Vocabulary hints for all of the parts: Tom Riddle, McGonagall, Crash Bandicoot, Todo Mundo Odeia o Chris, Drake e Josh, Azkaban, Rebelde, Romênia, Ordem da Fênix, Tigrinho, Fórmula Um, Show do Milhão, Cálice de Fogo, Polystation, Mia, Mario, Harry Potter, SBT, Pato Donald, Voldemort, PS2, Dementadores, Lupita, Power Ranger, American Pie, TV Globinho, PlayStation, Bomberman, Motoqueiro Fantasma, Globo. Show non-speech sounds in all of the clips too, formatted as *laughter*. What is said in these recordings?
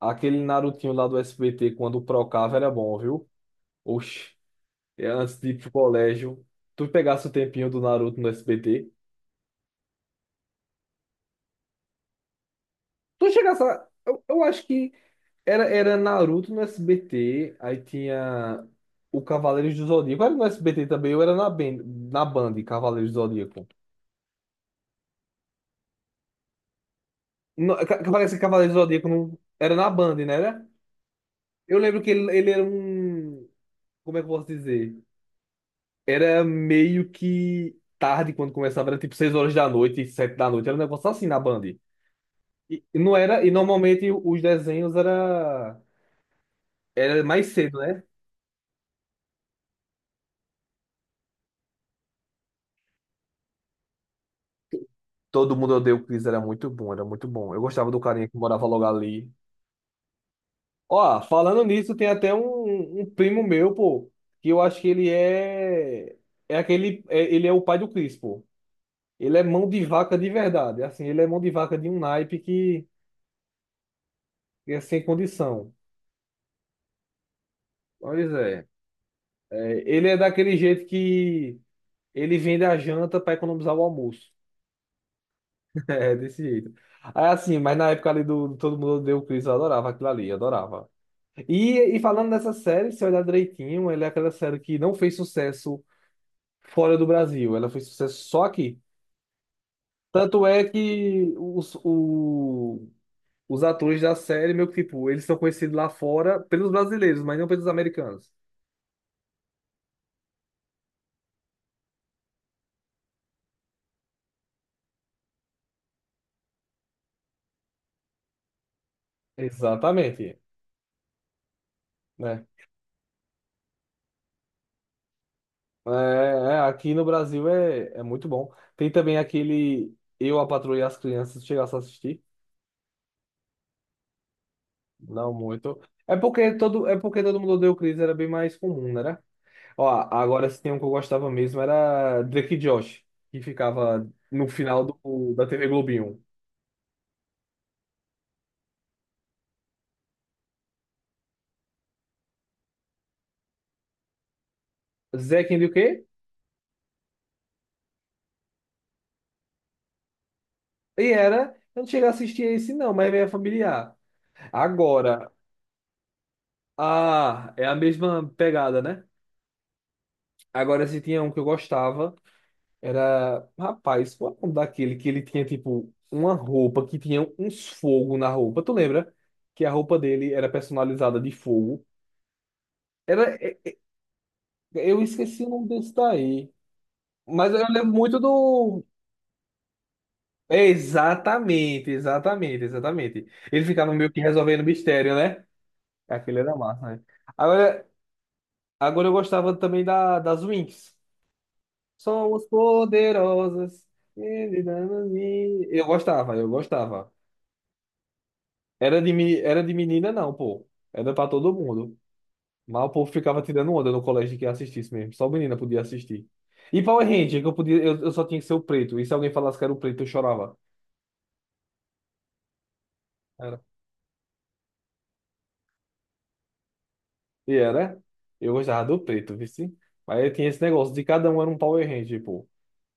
Aquele Narutinho lá do SBT, quando procava, era bom, viu? Oxi, é antes de ir pro colégio, tu pegasse o tempinho do Naruto no SBT. Tu chegasse a... eu acho que era Naruto no SBT, aí tinha o Cavaleiros do Zodíaco. Era no SBT também, eu era na Band, Cavaleiros do Zodíaco. No, ca- ca- Parece que Cavaleiros do Zodíaco não, era na Band, né? Era? Eu lembro que ele era um. Como é que eu posso dizer? Era meio que tarde quando começava, era tipo 6 horas da noite, 7 da noite, era um negócio assim na Band. E não era, e normalmente os desenhos era mais cedo, né? Todo mundo odeia o Chris, era muito bom, era muito bom. Eu gostava do carinha que morava logo ali. Ó, falando nisso, tem até um primo meu, pô, que eu acho que ele ele é o pai do Chris, pô. Ele é mão de vaca de verdade, assim, ele é mão de vaca de um naipe que é sem condição. Pois é. É, ele é daquele jeito que ele vende a janta para economizar o almoço. *laughs* É, desse jeito. Aí assim, mas na época ali do Todo Mundo Odeia o Chris, eu adorava aquilo ali, eu adorava. E falando dessa série, se olhar direitinho, ela é aquela série que não fez sucesso fora do Brasil, ela fez sucesso só aqui. Tanto é que os atores da série, meio que tipo, eles são conhecidos lá fora pelos brasileiros, mas não pelos americanos. Exatamente, né? Aqui no Brasil é muito bom. Tem também aquele Eu, a Patroa e as Crianças, chegasse a assistir? Não muito. É porque todo mundo odeia o Chris, era bem mais comum, né? Ó, agora se tem um que eu gostava mesmo era Drake e Josh, que ficava no final do, da TV Globinho. Zack and o quê? E era, eu não cheguei a assistir esse não, mas é familiar. Agora, ah, é a mesma pegada, né? Agora se tinha um que eu gostava. Era, rapaz, qual é o nome daquele que ele tinha, tipo, uma roupa que tinha uns fogo na roupa? Tu lembra? Que a roupa dele era personalizada de fogo. Era, é- eu esqueci o nome desse daí. Mas eu lembro muito do. É, exatamente, exatamente, exatamente. Ele ficava meio que resolvendo mistério, né? Aquele era massa, né? Agora, agora eu gostava também da, das Winx. Somos poderosas. Eu gostava, eu gostava. Era de menina, não, pô. Era pra todo mundo. Mas o povo ficava tirando onda no colégio de quem assistisse mesmo. Só menina podia assistir. E Power Ranger, que eu podia, eu só tinha que ser o preto. E se alguém falasse que era o preto, eu chorava. Era. E era. Eu gostava do preto, vice. Mas eu tinha esse negócio de cada um era um Power Ranger, pô.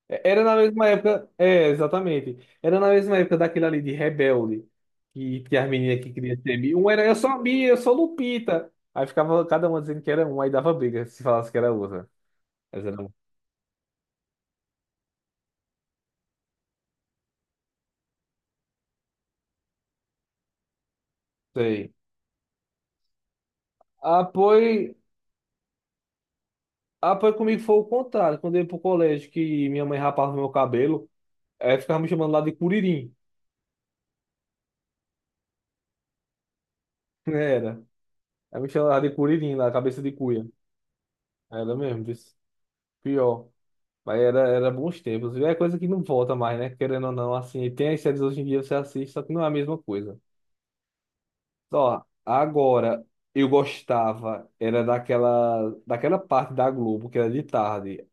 Era na mesma época. É, exatamente. Era na mesma época daquele ali de Rebelde. Que tinha as meninas que queriam ser. Mi. Um era eu sou a Mia, eu sou Lupita. Aí ficava cada uma dizendo que era um, aí dava briga se falasse que era outra. Sei. Ah, pois, ah, pois, comigo foi o contrário. Quando eu ia pro colégio, que minha mãe rapava meu cabelo, aí ficava me chamando lá de curirim. *laughs* Era. Aí me chamava de curirim, lá, cabeça de cuia. Era mesmo, disse. Pior. Mas era bons tempos. E é coisa que não volta mais, né? Querendo ou não, assim. E tem as séries hoje em dia, você assiste, só que não é a mesma coisa. Só, agora, eu gostava, era daquela parte da Globo, que era de tarde.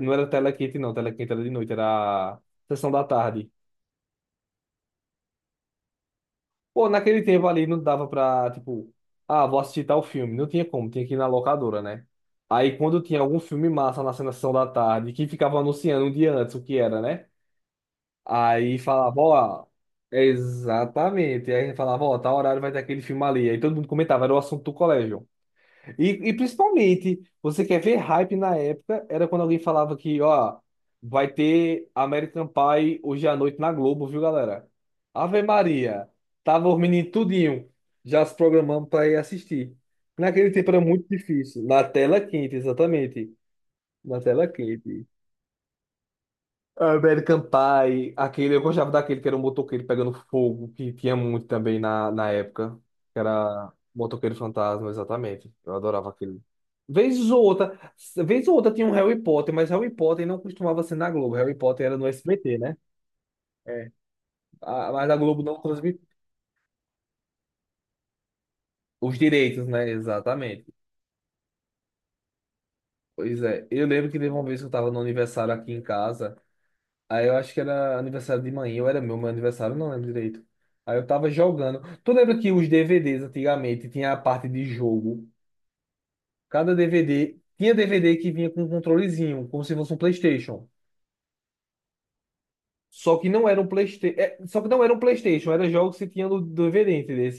Não era tela quente, não. Tela quente era de noite, era a sessão da tarde. Pô, naquele tempo ali não dava pra, tipo, ah, vou assistir tal filme. Não tinha como, tinha que ir na locadora, né? Aí quando tinha algum filme massa na sessão da tarde, que ficava anunciando um dia antes o que era, né? Aí falava, ó, exatamente. Aí falava, ó, tal horário vai ter aquele filme ali. Aí todo mundo comentava, era o assunto do colégio. E principalmente, você quer ver hype na época, era quando alguém falava que, ó, vai ter American Pie hoje à noite na Globo, viu, galera? Ave Maria, tava os meninos tudinho, já se programando para ir assistir. Naquele tempo era muito difícil, na tela quente, exatamente, na tela quente. American Pie, aquele, eu gostava daquele que era um motoqueiro pegando fogo, que tinha muito também na época, que era Motoqueiro Fantasma, exatamente. Eu adorava aquele. Vez ou outra, vez ou outra, tinha um Harry Potter, mas Harry Potter não costumava ser na Globo. Harry Potter era no SBT, né? É. Mas a Globo não transmite os direitos, né? Exatamente. Pois é. Eu lembro que teve uma vez que eu estava no aniversário aqui em casa, aí eu acho que era aniversário de manhã, ou era meu aniversário, não lembro direito. Aí eu tava jogando. Tu lembra que os DVDs antigamente tinha a parte de jogo? Cada DVD tinha DVD que vinha com um controlezinho, como se fosse um PlayStation. Só que não era um PlayStation, só que não era um PlayStation, era jogos que tinha no DVD, entendeu?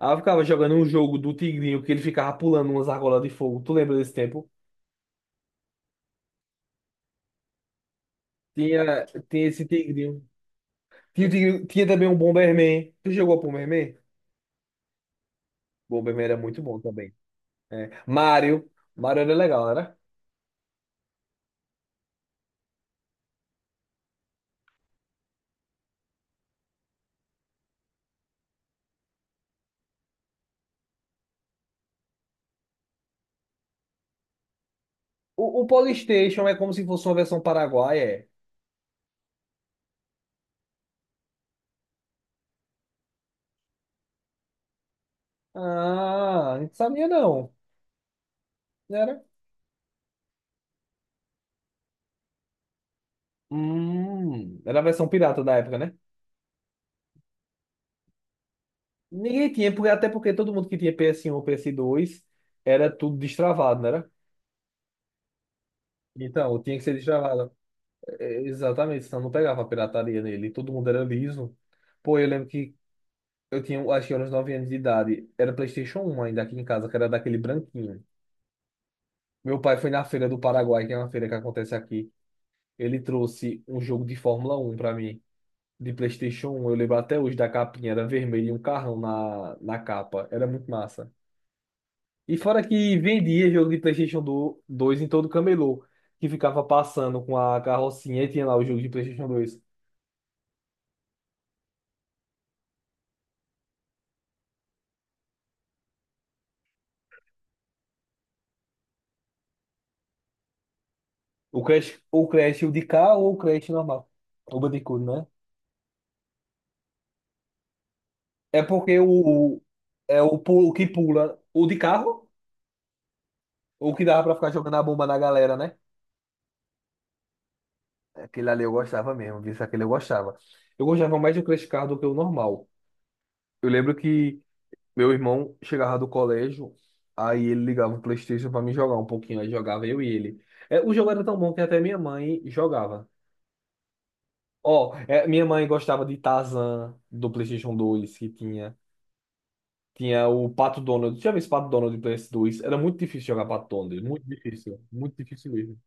Aí eu ficava jogando um jogo do Tigrinho que ele ficava pulando umas argolas de fogo. Tu lembra desse tempo? Tinha, esse Tigrinho. Tinha, tinha também um Bomberman. Tu jogou Bomberman? Bomberman era muito bom também. É. Mario. Mario era legal, não era? O Polystation é como se fosse uma versão paraguaia. É? Ah, não sabia não. Não era? Era a versão pirata da época, né? Ninguém tinha, porque, até porque todo mundo que tinha PS1 ou PS2 era tudo destravado, não era? Então, tinha que ser destravado. É, exatamente, senão não pegava a pirataria nele. Todo mundo era liso. Pô, eu lembro que eu tinha, acho que eu era uns 9 anos de idade. Era PlayStation 1 ainda aqui em casa, que era daquele branquinho. Meu pai foi na feira do Paraguai, que é uma feira que acontece aqui. Ele trouxe um jogo de Fórmula 1 para mim, de PlayStation 1. Eu lembro até hoje da capinha, era vermelho e um carrão na capa. Era muito massa. E fora que vendia jogo de 2 em todo camelô, que ficava passando com a carrocinha e tinha lá o jogo de PlayStation 2. O Crash, o Crash o de cá ou o Crash normal? O Bandicoot, né? É porque o que pula, o de carro, o que dava pra ficar jogando a bomba na galera, né? Aquele ali eu gostava mesmo, viu? Aquele eu gostava. Eu gostava mais do Crash Car do que o normal. Eu lembro que meu irmão chegava do colégio, aí ele ligava o PlayStation pra mim jogar um pouquinho, aí jogava eu e ele. É, o jogo era tão bom que até minha mãe jogava. Ó, é, minha mãe gostava de Tarzan do PlayStation 2 que tinha. Tinha o Pato Donald. Tinha visto Pato Donald do PS 2. Era muito difícil jogar Pato Donald, muito difícil mesmo.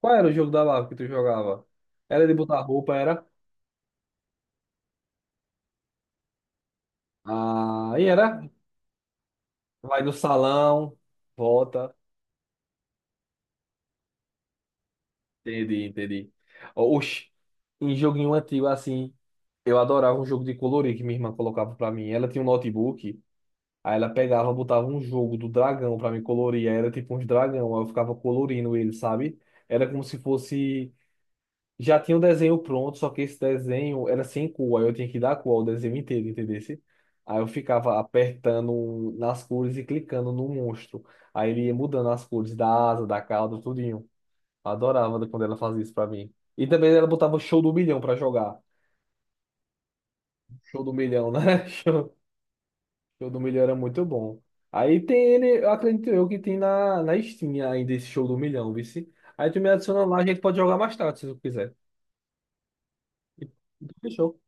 Qual era o jogo da Lava que tu jogava? Era de botar roupa, era? Ah, e era? Vai no salão, volta. Entendi, entendi. Oxi, em joguinho antigo assim, eu adorava um jogo de colorir que minha irmã colocava pra mim. Ela tinha um notebook, aí ela pegava, botava um jogo do dragão pra me colorir. Aí era tipo uns dragão, aí eu ficava colorindo ele, sabe? Era como se fosse. Já tinha o desenho pronto, só que esse desenho era sem cor, aí eu tinha que dar cor ao desenho inteiro, entendesse? Aí eu ficava apertando nas cores e clicando no monstro. Aí ele ia mudando as cores da asa, da cauda, tudo. Adorava quando ela fazia isso pra mim. E também ela botava Show do Milhão pra jogar. Show do Milhão, né? *laughs* Show do Milhão era muito bom. Aí tem ele, eu acredito eu que tem na Steam ainda esse Show do Milhão, vice. Aí tu me adiciona lá, a gente pode jogar mais tarde, se tu quiser. E- Fechou.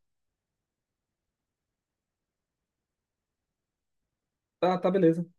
Tá, tá beleza.